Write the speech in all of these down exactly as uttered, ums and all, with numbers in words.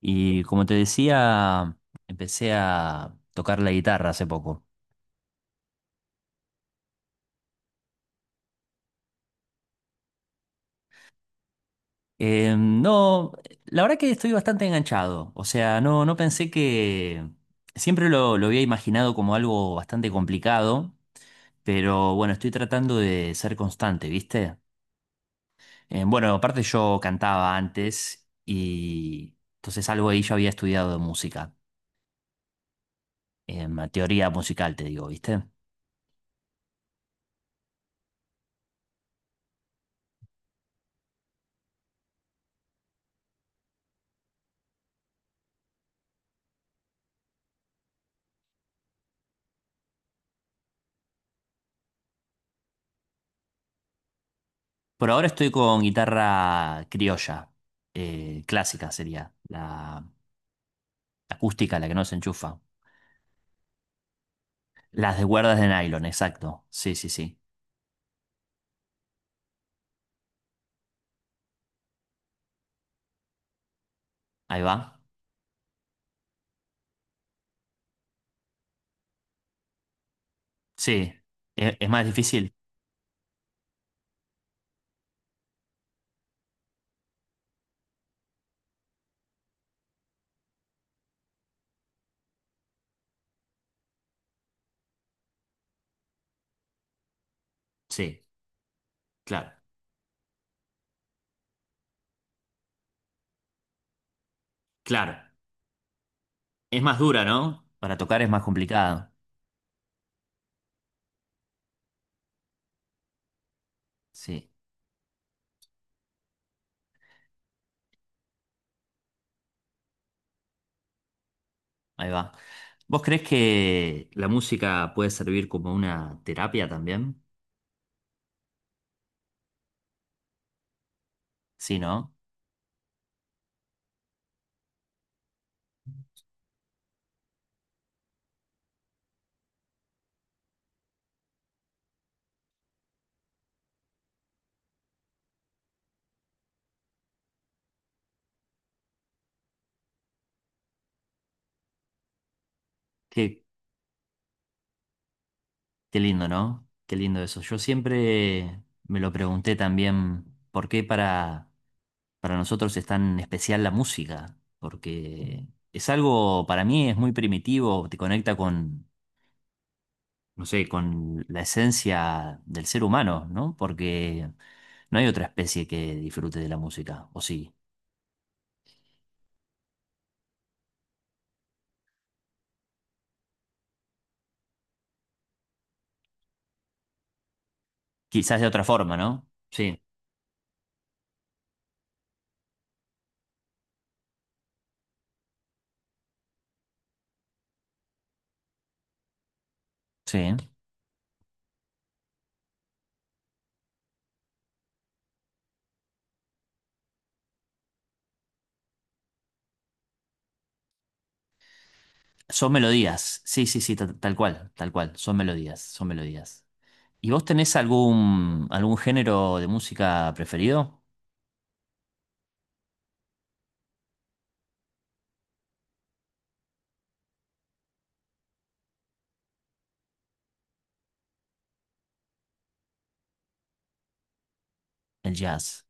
Y como te decía, empecé a tocar la guitarra hace poco. Eh, no, la verdad que estoy bastante enganchado. O sea, no, no pensé que... Siempre lo, lo había imaginado como algo bastante complicado, pero bueno, estoy tratando de ser constante, ¿viste? Eh, bueno, aparte yo cantaba antes y entonces algo ahí yo había estudiado de música, em, teoría musical, te digo, ¿viste? Por ahora estoy con guitarra criolla, eh, clásica sería, la acústica, la que no se enchufa. Las de cuerdas de nylon, exacto. Sí, sí, sí. Ahí va. Sí. ¿Es, es más difícil? Sí, claro. Claro. Es más dura, ¿no? Para tocar es más complicado. Sí, ahí va. ¿Vos crees que la música puede servir como una terapia también? Sí, ¿no? qué Qué lindo, ¿no? Qué lindo eso. Yo siempre me lo pregunté también, ¿por qué para, para nosotros es tan especial la música? Porque es algo, para mí es muy primitivo, te conecta con, no sé, con la esencia del ser humano, ¿no? Porque no hay otra especie que disfrute de la música, o sí. Quizás de otra forma, ¿no? Sí, sí. Son melodías, sí, sí, sí, ta- tal cual, tal cual, son melodías, son melodías. ¿Y vos tenés algún, algún género de música preferido? El jazz.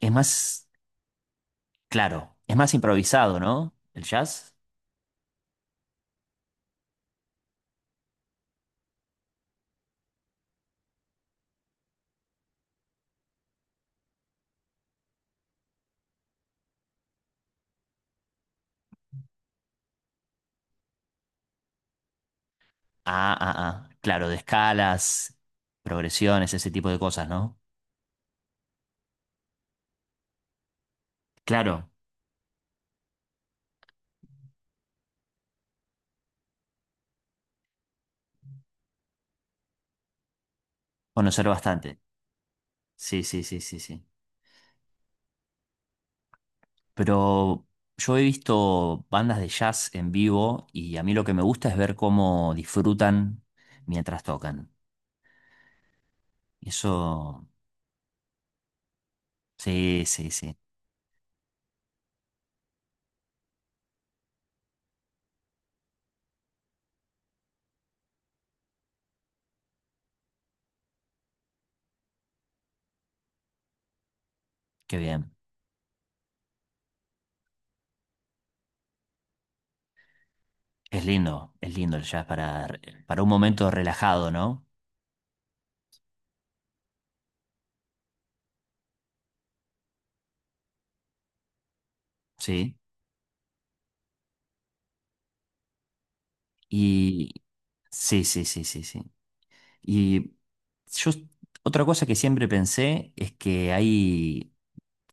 Es más, claro, es más improvisado, ¿no? El jazz. Ah, ah, ah. Claro, de escalas, progresiones, ese tipo de cosas, ¿no? Claro, conocer bastante. Sí, sí, sí, sí, sí. Pero yo he visto bandas de jazz en vivo y a mí lo que me gusta es ver cómo disfrutan mientras tocan. Eso, sí, sí, sí. Qué bien. Es lindo, es lindo el jazz para, para un momento relajado, ¿no? Sí. Y sí, sí, sí, sí, sí. Y yo, otra cosa que siempre pensé es que hay,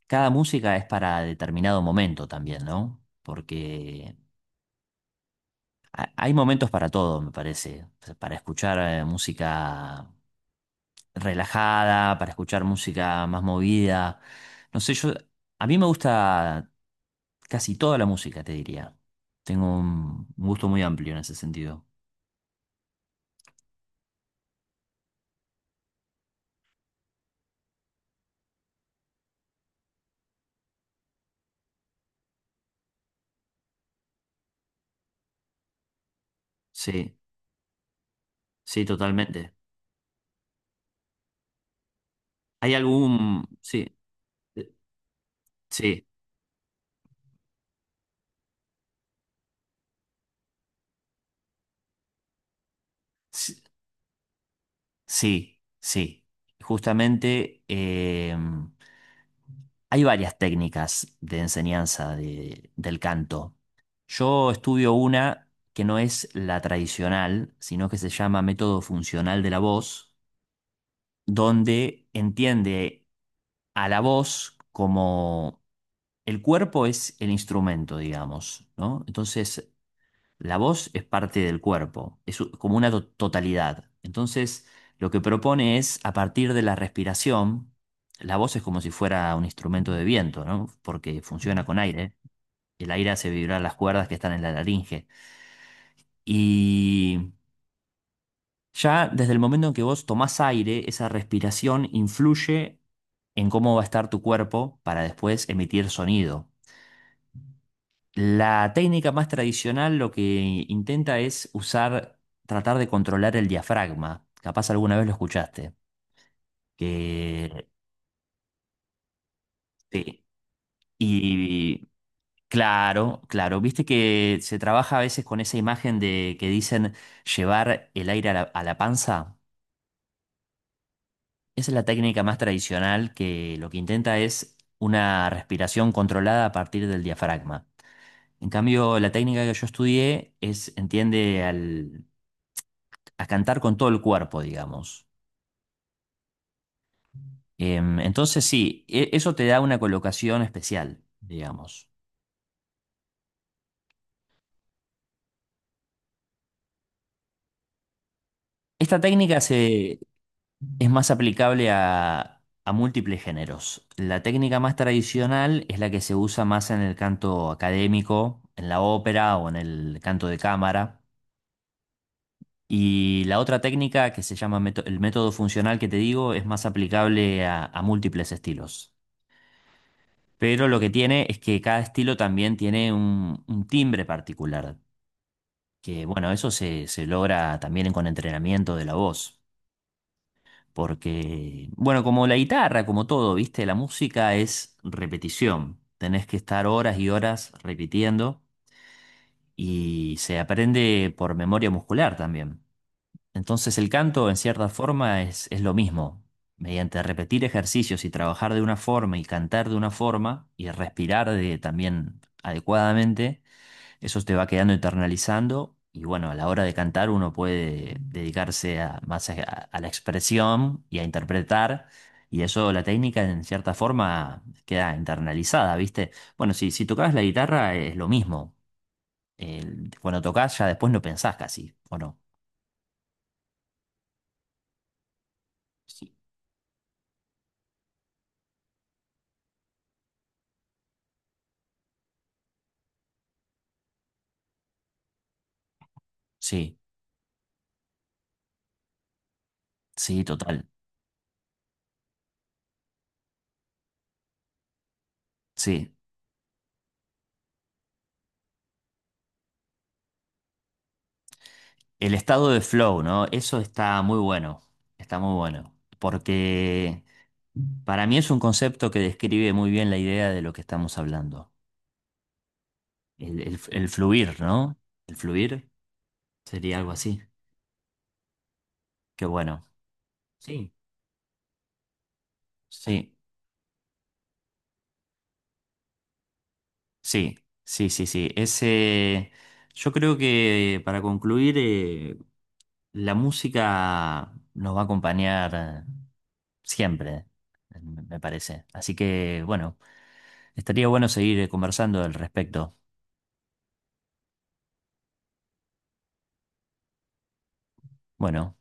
cada música es para determinado momento también, ¿no? Porque ha- hay momentos para todo, me parece. O sea, para escuchar eh, música relajada, para escuchar música más movida. No sé, yo, a mí me gusta casi toda la música, te diría. Tengo un un gusto muy amplio en ese sentido. Sí, sí, totalmente. ¿Hay algún...? Sí, eh, sí. Sí, sí, sí. Justamente em, hay varias técnicas de enseñanza de- del canto. Yo estudio una que no es la tradicional, sino que se llama método funcional de la voz, donde entiende a la voz como el cuerpo es el instrumento, digamos, ¿no? Entonces, la voz es parte del cuerpo, es u- como una to- totalidad. Entonces, lo que propone es, a partir de la respiración, la voz es como si fuera un instrumento de viento, ¿no? Porque funciona con aire. El aire hace vibrar las cuerdas que están en la laringe. Y ya desde el momento en que vos tomás aire, esa respiración influye en cómo va a estar tu cuerpo para después emitir sonido. La técnica más tradicional lo que intenta es usar, tratar de controlar el diafragma. Capaz alguna vez lo escuchaste. Que, sí. Y claro, claro, viste que se trabaja a veces con esa imagen de que dicen llevar el aire a la, a la panza. Esa es la técnica más tradicional que lo que intenta es una respiración controlada a partir del diafragma. En cambio, la técnica que yo estudié es, entiende al a cantar con todo el cuerpo, digamos. Em, entonces sí, e- eso te da una colocación especial, digamos. Esta técnica se, es más aplicable a, a múltiples géneros. La técnica más tradicional es la que se usa más en el canto académico, en la ópera o en el canto de cámara. Y la otra técnica que se llama meto- el método funcional que te digo es más aplicable a a múltiples estilos. Pero lo que tiene es que cada estilo también tiene un, un timbre particular. Que bueno, eso se, se logra también con entrenamiento de la voz. Porque, bueno, como la guitarra, como todo, ¿viste? La música es repetición. Tenés que estar horas y horas repitiendo y se aprende por memoria muscular también. Entonces el canto, en cierta forma, es, es lo mismo. Mediante repetir ejercicios y trabajar de una forma y cantar de una forma y respirar de, también adecuadamente eso te va quedando internalizando y bueno, a la hora de cantar uno puede dedicarse a, más a, a la expresión y a interpretar y eso la técnica en cierta forma queda internalizada, ¿viste? Bueno, si, si tocabas la guitarra es lo mismo. El- cuando tocas ya después no pensás casi, ¿o no? Sí. Sí, sí, total. Sí. El estado de flow, ¿no? Eso está muy bueno, está muy bueno, porque para mí es un concepto que describe muy bien la idea de lo que estamos hablando. El, el- el fluir, ¿no? El fluir sería algo así. Qué bueno. Sí, sí, sí, sí, sí, sí. Ese, yo creo que para concluir, eh, la música nos va a acompañar eh, siempre, me me parece. Así que, bueno. Estaría bueno seguir eh, conversando al respecto. Bueno.